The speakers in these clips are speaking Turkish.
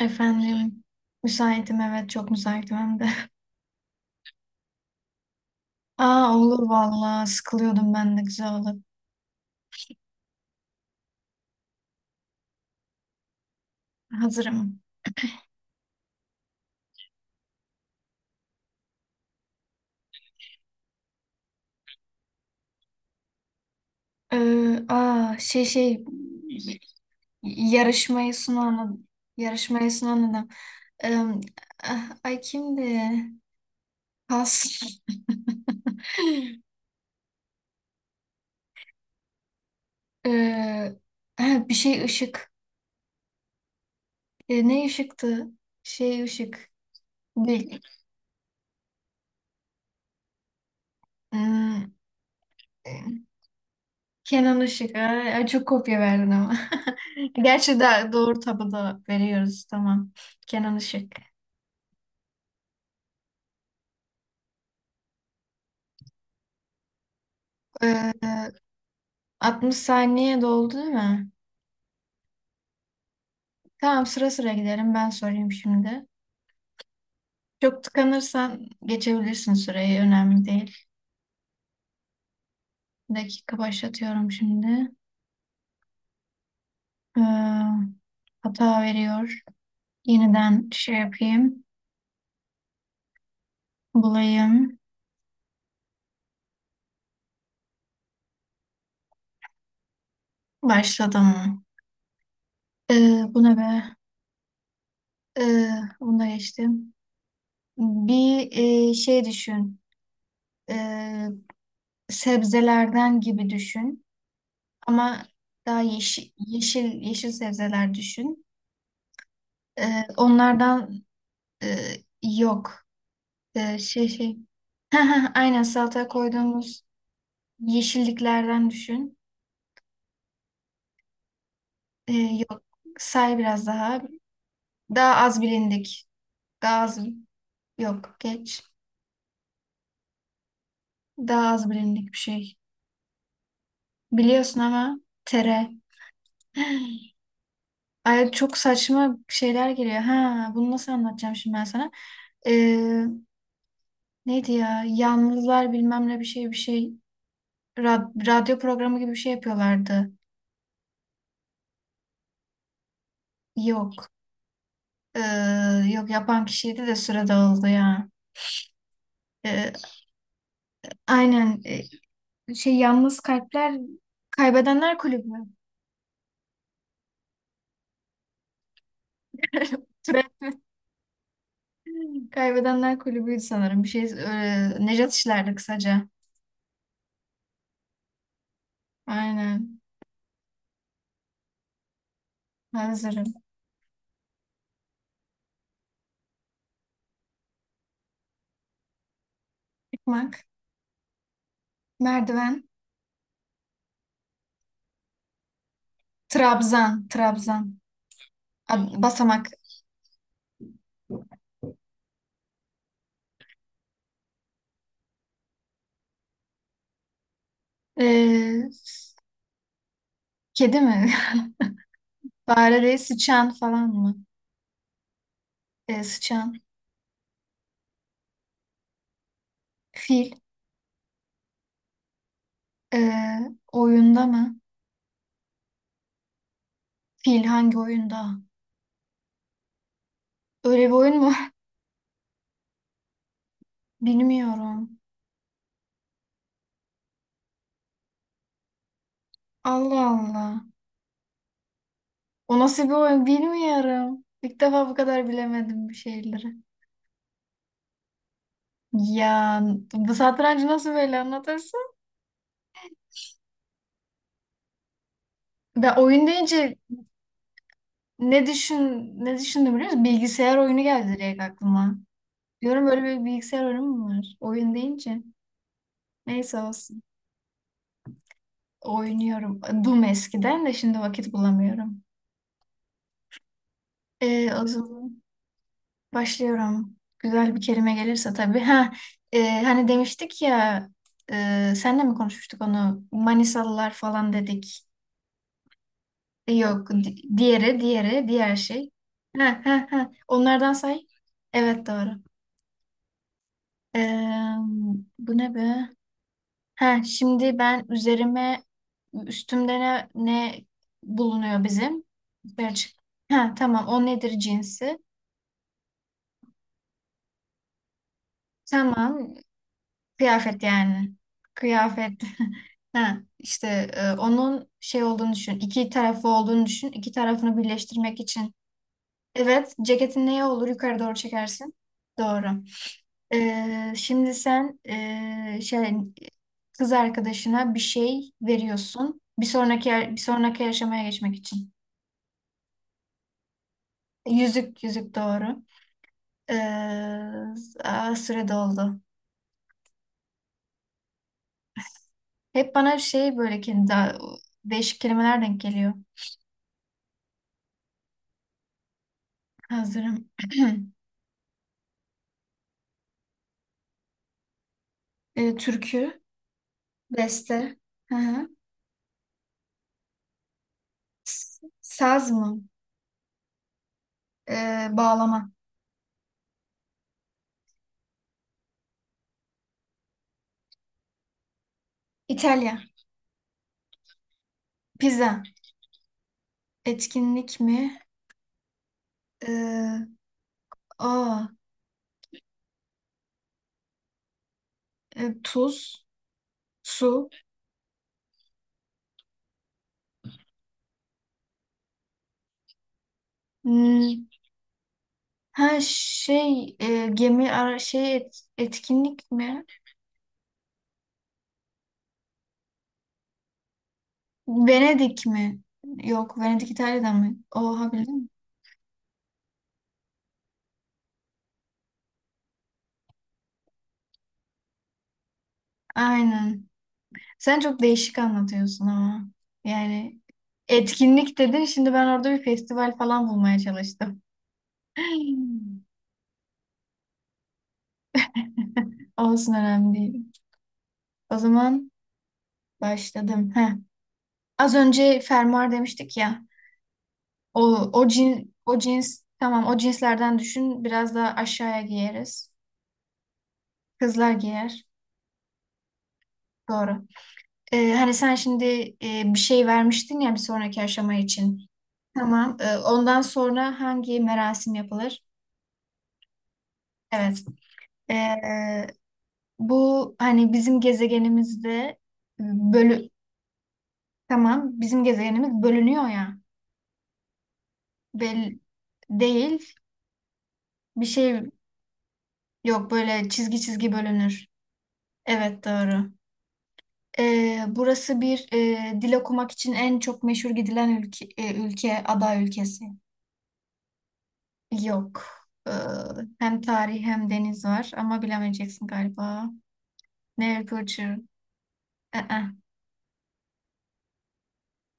Efendim, müsaitim evet çok müsaitim hem de. Aa olur vallahi sıkılıyordum ben de güzel olur. Hazırım. Aa şey şey yarışmayı sunan ad- yarışmayı sunan adam. Ee, Ay kimdi? Pas. Ee, ha, Bir şey ışık. Ne ışıktı? Şey ışık. Değil. Hmm, Kenan Işık. Ay, ay, çok kopya verdin ama. Gerçi de doğru tabada veriyoruz. Tamam. Kenan Işık. Ee, 60 saniye doldu değil mi? Tamam sıra sıra gidelim. Ben sorayım şimdi. Çok tıkanırsan geçebilirsin süreyi. Önemli değil. Bir dakika başlatıyorum şimdi. Ee, Hata veriyor. Yeniden şey yapayım. Bulayım. Başladım. Bu ne be? Ee, Bunu da geçtim. Bir şey düşün. E, Sebzelerden gibi düşün. Ama daha yeşil yeşil sebzeler düşün. Onlardan e, yok. E, şey şey. Aynen salata koyduğumuz yeşilliklerden düşün. Yok. Say biraz daha. Daha az bilindik. Daha az yok. Geç. Daha az bilindik bir şey. Biliyorsun ama tere. Ay çok saçma şeyler geliyor. Ha, bunu nasıl anlatacağım şimdi ben sana? Ee, Neydi ya? Yalnızlar bilmem ne bir şey bir şey. Radyo programı gibi bir şey yapıyorlardı. Yok. Ee, Yok yapan kişiydi de süre dağıldı ya. Ee, aynen. Yalnız Kalpler Kaybedenler Kulübü. Türe- Kaybedenler Kulübü'ydü sanırım. Bir şey Nejat işlerdi kısaca. Aynen. Hazırım. Çıkmak. Merdiven. Trabzan. Basamak. Ee, s- Kedi mi? Fare değil, sıçan falan mı? Sıçan. Fil. Ee, Oyunda mı? Fil hangi oyunda? Öyle bir oyun mu? Bilmiyorum. Allah Allah. O nasıl bir oyun bilmiyorum. İlk defa bu kadar bilemedim bir şeyleri. Ya bu satrancı nasıl böyle anlatırsın? Ben oyun deyince ne düşündüm biliyor musun? Bilgisayar oyunu geldi direkt aklıma. Diyorum böyle bir bilgisayar oyunu mu var? Oyun deyince. Neyse olsun. Oynuyorum. Doom eskiden de şimdi vakit bulamıyorum. O zaman başlıyorum. Güzel bir kelime gelirse tabii. Ha, hani demiştik ya senle mi konuşmuştuk onu? Manisalılar falan dedik. Yok. Diğeri, diğeri, diğer şey. Ha, ha, ha. Onlardan say. Evet doğru. Ee, Bu ne be? Ha, şimdi ben üzerime. Ne bulunuyor bizim? Yukarı çık. Ha, tamam o nedir cinsi? Tamam kıyafet yani. Kıyafet. Ha, işte onun şey olduğunu düşün. İki tarafı olduğunu düşün. İki tarafını birleştirmek için. Evet ceketin neye olur? Yukarı doğru çekersin. Doğru. Şimdi sen şey kız arkadaşına bir şey veriyorsun. Bir sonraki aşamaya geçmek için. Yüzük doğru. Ee, Süre doldu. Hep bana şey böyle kendi değişik kelimeler denk geliyor. Hazırım. Türkü, beste, hı hı. Saz mı? Bağlama. İtalya, pizza, etkinlik mi? Ee, aa, Tuz, su. Hmm, Ha şey gemi etkinlik mi? Venedik mi? Yok, Venedik İtalya'dan mı? Oha bildim. Aynen. Sen çok değişik anlatıyorsun ama. Yani etkinlik dedin. Şimdi ben orada bir festival falan bulmaya çalıştım. Olsun önemli değil. O zaman başladım. Heh. Az önce fermuar demiştik ya. O, O cins tamam o cinslerden düşün. Biraz daha aşağıya giyeriz. Kızlar giyer. Doğru. Hani sen şimdi bir şey vermiştin ya bir sonraki aşama için. Tamam. Ondan sonra hangi merasim yapılır? Evet. Ee, Bu hani bizim gezegenimizde bölü tamam bizim gezegenimiz bölünüyor ya bel değil bir şey yok böyle çizgi çizgi bölünür. Evet doğru. Burası bir dil okumak için en çok meşhur gidilen ülke, ülke aday ülkesi. Yok. Ee, Hem tarih hem deniz var ama bilemeyeceksin galiba. Mercury. Ee,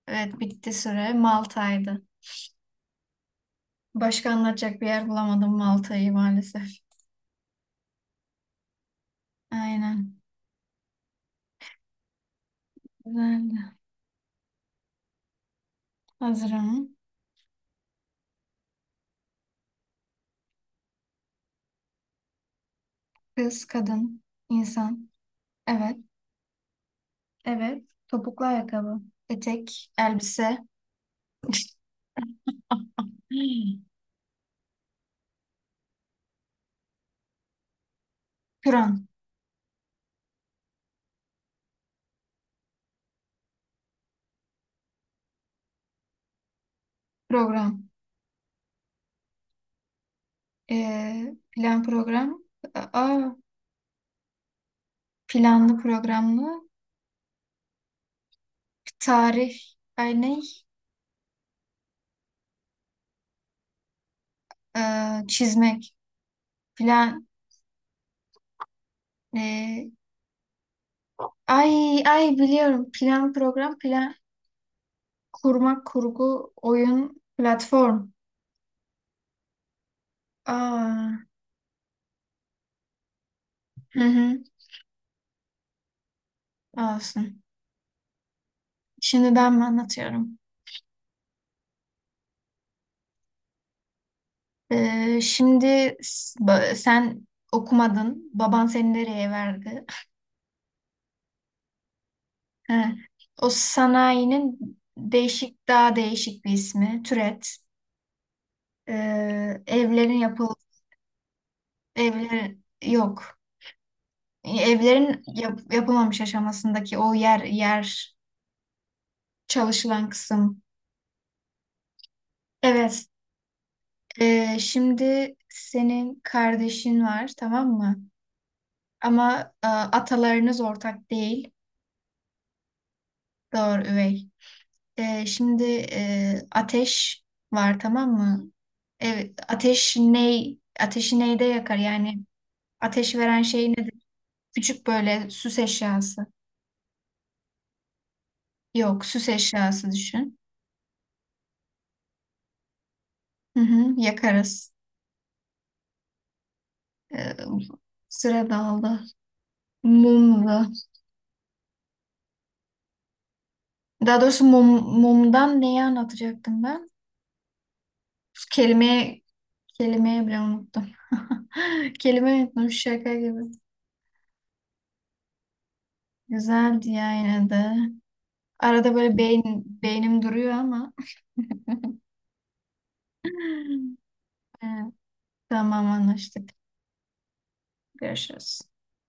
evet bitti süre. Malta'ydı. Başka anlatacak bir yer bulamadım Malta'yı maalesef. Aynen. Güzeldi. Hazırım. Kız, kadın, insan. Evet. Evet. Topuklu ayakkabı. Etek, elbise. Plan, program. Plan program. Aa, planlı programlı. Tarih. Ay ne? Çizmek. Plan. ee, Ay ay biliyorum. Plan program. Plan kurmak kurgu oyun platform. Aa, hı hı, olsun. Şimdiden mi anlatıyorum? Sen okumadın. Baban seni nereye verdi? He. O sanayinin değişik, daha değişik bir ismi. Türet. Ee, evlerin yapıl Evler yok. Yapılmamış aşamasındaki o yer çalışılan kısım. Evet. Şimdi senin kardeşin var, tamam mı? Ama atalarınız ortak değil. Doğru üvey. Şimdi ateş var tamam mı? Evet, ateş ney? Ateşi neyde yakar? Yani ateş veren şey nedir? Küçük böyle süs eşyası. Yok, süs eşyası düşün. Hı hı, yakarız. E, Sıra dağıldı. Mumlu. Daha doğrusu mumdan neyi anlatacaktım ben? Kelime, Kelimeyi bile unuttum. Kelime unuttum şaka gibi. Güzeldi ya yine de. Arada böyle beynim duruyor ama. Evet, tamam anlaştık. Görüşürüz.